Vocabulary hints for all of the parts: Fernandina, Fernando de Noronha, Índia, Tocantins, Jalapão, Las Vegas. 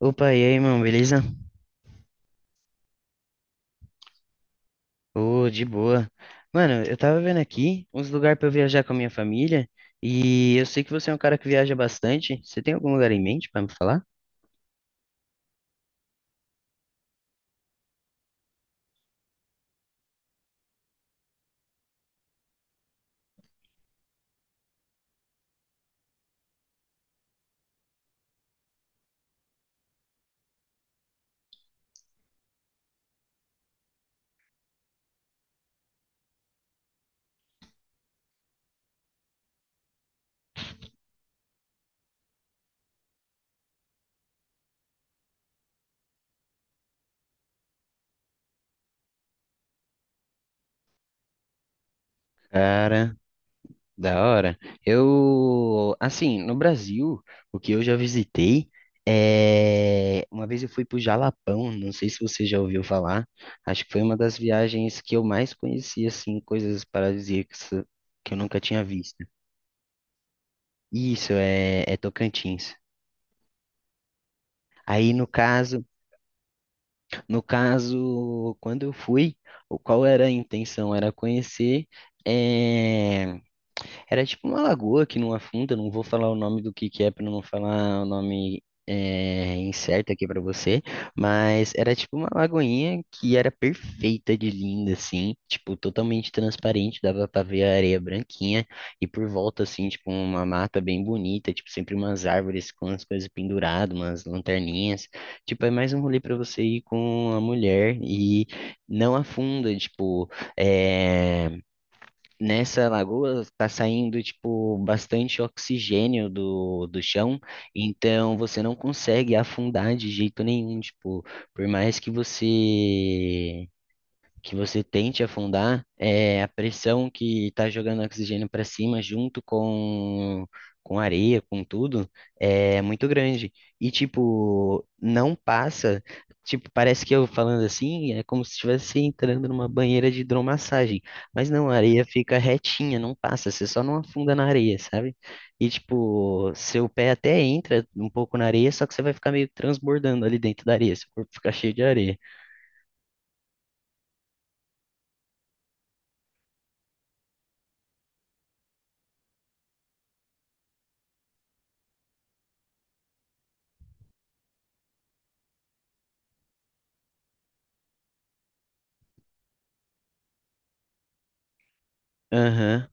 Opa, e aí, mano, beleza? Ô, de boa. Mano, eu tava vendo aqui uns lugares pra eu viajar com a minha família e eu sei que você é um cara que viaja bastante. Você tem algum lugar em mente pra me falar? Cara, da hora. Eu, assim, no Brasil, o que eu já visitei é. Uma vez eu fui pro Jalapão, não sei se você já ouviu falar. Acho que foi uma das viagens que eu mais conheci, assim, coisas paradisíacas que eu nunca tinha visto. Isso, é, é Tocantins. Aí no caso, quando eu fui, qual era a intenção? Era conhecer, eh, era tipo uma lagoa que não afunda, não vou falar o nome do que é para não falar o nome é, incerto aqui para você, mas era tipo uma lagoinha que era perfeita de linda, assim, tipo totalmente transparente, dava para ver a areia branquinha e por volta, assim, tipo uma mata bem bonita, tipo sempre umas árvores com as coisas penduradas, umas lanterninhas, tipo é mais um rolê para você ir com a mulher e não afunda, tipo, é. Nessa lagoa está saindo tipo bastante oxigênio do chão, então você não consegue afundar de jeito nenhum, tipo, por mais que você tente afundar, é a pressão que está jogando oxigênio para cima junto com areia, com tudo, é muito grande. E, tipo, não passa. Tipo, parece que eu falando assim, é como se estivesse entrando numa banheira de hidromassagem. Mas não, a areia fica retinha, não passa, você só não afunda na areia, sabe? E, tipo, seu pé até entra um pouco na areia, só que você vai ficar meio transbordando ali dentro da areia, seu corpo fica cheio de areia. Aham.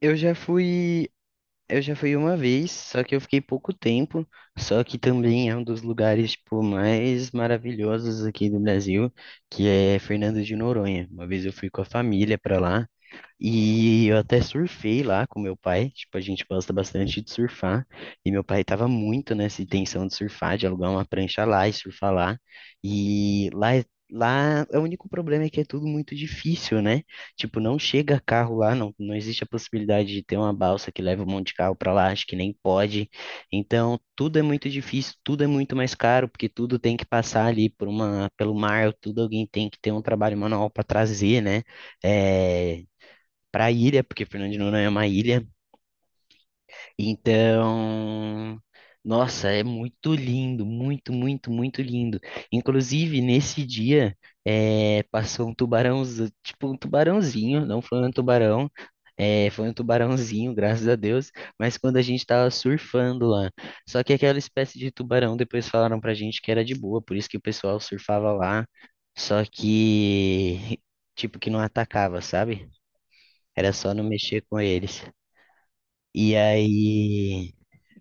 Eu já fui. Eu já fui uma vez, só que eu fiquei pouco tempo, só que também é um dos lugares, tipo, mais maravilhosos aqui do Brasil, que é Fernando de Noronha. Uma vez eu fui com a família pra lá, e eu até surfei lá com meu pai, tipo, a gente gosta bastante de surfar, e meu pai tava muito nessa intenção de surfar, de alugar uma prancha lá e surfar lá, e lá é o único problema é que é tudo muito difícil, né? Tipo, não chega carro lá, não existe a possibilidade de ter uma balsa que leva um monte de carro pra lá, acho que nem pode, então tudo é muito difícil, tudo é muito mais caro, porque tudo tem que passar ali por pelo mar, tudo alguém tem que ter um trabalho manual para trazer, né? eh, para ilha, porque Fernando de Noronha é uma ilha. Então, nossa, é muito lindo, muito, muito, muito lindo. Inclusive, nesse dia, passou um tubarão, tipo um tubarãozinho, não foi um tubarão, foi um tubarãozinho, graças a Deus, mas quando a gente estava surfando lá. Só que aquela espécie de tubarão, depois falaram pra gente que era de boa, por isso que o pessoal surfava lá. Só que, tipo, que não atacava, sabe? Era só não mexer com eles. E aí,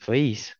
foi isso.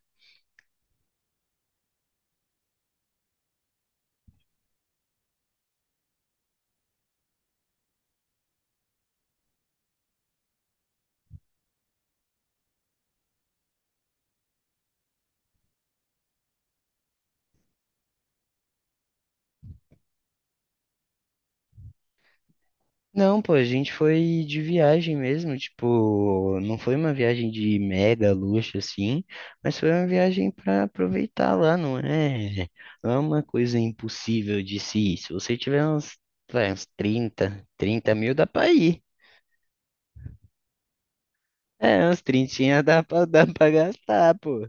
Não, pô, a gente foi de viagem mesmo, tipo, não foi uma viagem de mega luxo assim, mas foi uma viagem pra aproveitar lá, não é? Não é uma coisa impossível de se ir. Se você tiver uns trinta mil dá pra ir. É, uns 30 dá pra gastar, pô.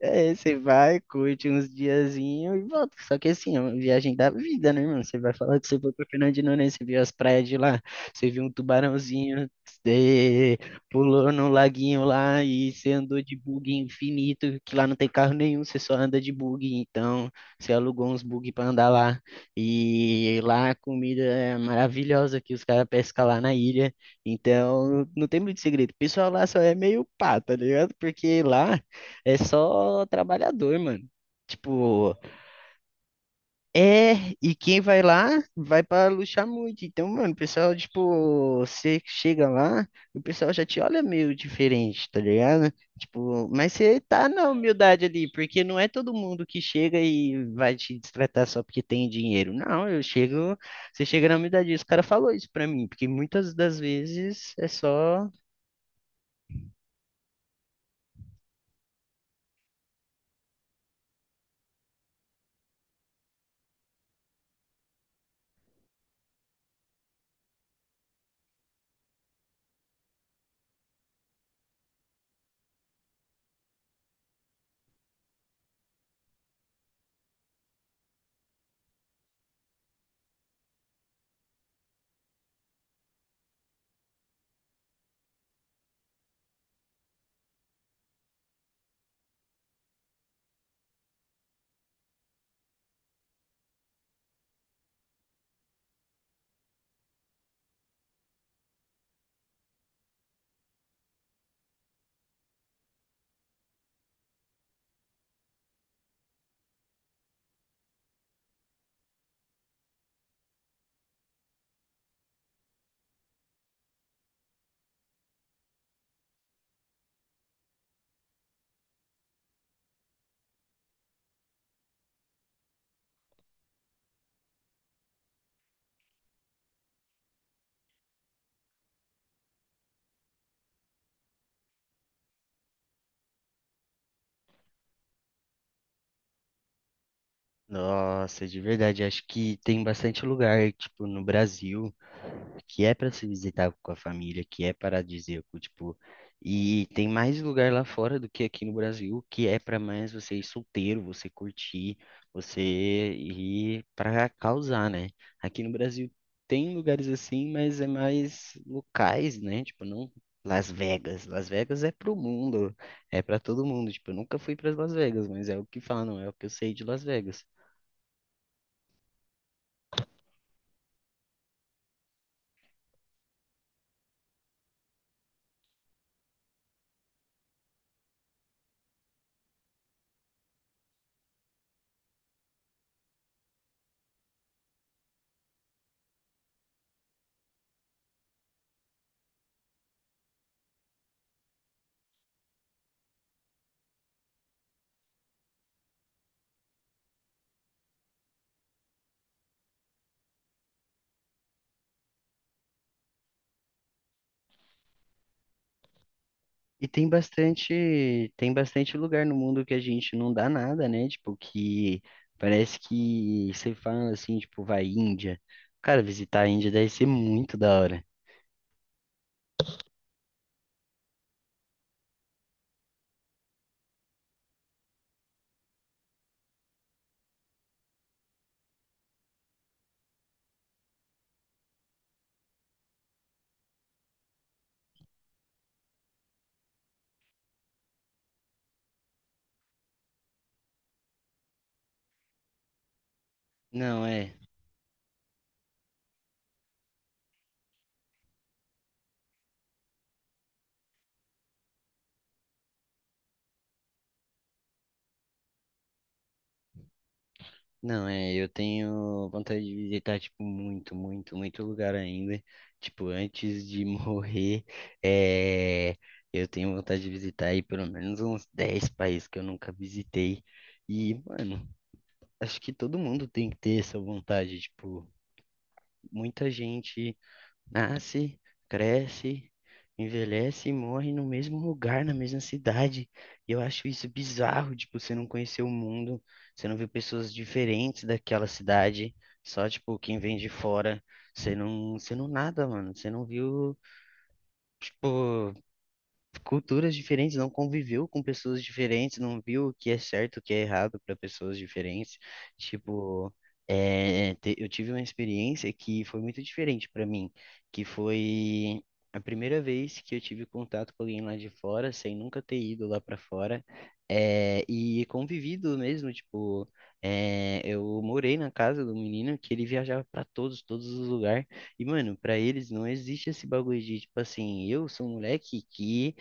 É, você vai, curte uns diazinhos e volta. Só que assim, é uma viagem da vida, né, irmão? Você vai falar que você foi pra Fernandina, né? Você viu as praias de lá, você viu um tubarãozinho, você pulou no laguinho lá e você andou de bug infinito, que lá não tem carro nenhum, você só anda de bug. Então, você alugou uns bug pra andar lá. E lá a comida é maravilhosa que os caras pescam lá na ilha. Então, não tem muito segredo. O pessoal lá só é meio pá, tá ligado? Porque lá. É só trabalhador, mano. Tipo, é, e quem vai lá vai pra luxar muito. Então, mano, o pessoal, tipo, você chega lá, o pessoal já te olha meio diferente, tá ligado? Tipo, mas você tá na humildade ali, porque não é todo mundo que chega e vai te destratar só porque tem dinheiro. Não, eu chego, você chega na humildade. Esse cara falou isso pra mim, porque muitas das vezes é só. Nossa, de verdade, acho que tem bastante lugar, tipo, no Brasil, que é para se visitar com a família, que é paradisíaco, tipo, e tem mais lugar lá fora do que aqui no Brasil, que é para mais você ir solteiro, você curtir, você ir para causar, né? Aqui no Brasil tem lugares assim, mas é mais locais, né? Tipo, não Las Vegas. Las Vegas é pro mundo, é para todo mundo. Tipo, eu nunca fui para Las Vegas, mas é o que falam, é o que eu sei de Las Vegas. E tem bastante lugar no mundo que a gente não dá nada, né? Tipo, que parece que você fala assim, tipo, vai Índia. Cara, visitar a Índia deve ser muito da hora. Não, é. Não, é. Eu tenho vontade de visitar, tipo, muito, muito, muito lugar ainda. Tipo, antes de morrer, é, eu tenho vontade de visitar aí pelo menos uns 10 países que eu nunca visitei. E, mano, acho que todo mundo tem que ter essa vontade, tipo. Muita gente nasce, cresce, envelhece e morre no mesmo lugar, na mesma cidade. E eu acho isso bizarro, tipo, você não conhecer o mundo, você não viu pessoas diferentes daquela cidade, só, tipo, quem vem de fora. Você não nada, mano. Você não viu, tipo, culturas diferentes, não conviveu com pessoas diferentes, não viu o que é certo, o que é errado para pessoas diferentes. Tipo, é, eu tive uma experiência que foi muito diferente para mim, que foi a primeira vez que eu tive contato com alguém lá de fora, sem nunca ter ido lá para fora, é, e convivido mesmo, tipo, é, eu morei na casa do menino que ele viajava para todos, todos os lugares. E, mano, pra eles não existe esse bagulho de, tipo assim, eu sou um moleque que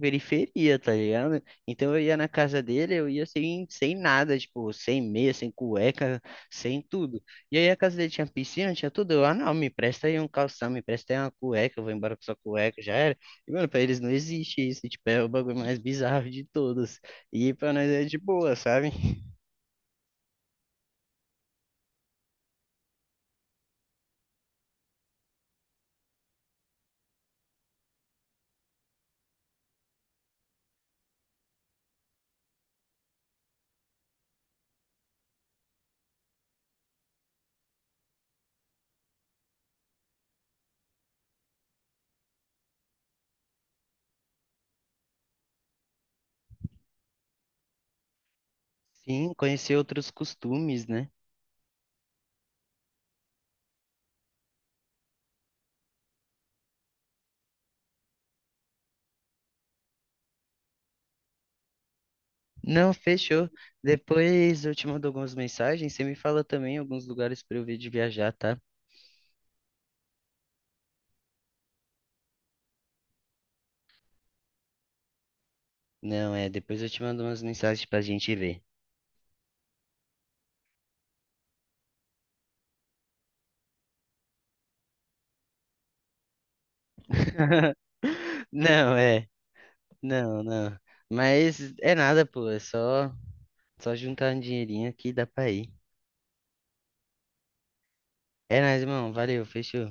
periferia, tá ligado? Então eu ia na casa dele, eu ia sem nada, tipo, sem meia, sem cueca, sem tudo. E aí a casa dele tinha piscina, tinha tudo. Eu, ah, não, me presta aí um calção, me presta aí uma cueca, eu vou embora com sua cueca, já era. E, mano, pra eles não existe isso, tipo, é o bagulho mais bizarro de todos. E pra nós é de boa, sabe? Sim, conhecer outros costumes, né? Não, fechou. Depois eu te mando algumas mensagens, você me fala também alguns lugares pra eu ver de viajar, tá? Não, é, depois eu te mando umas mensagens pra gente ver. Não, é, não, não. Mas é nada, pô, é só juntar um dinheirinho aqui e dá pra ir. É nóis, irmão, valeu, fechou.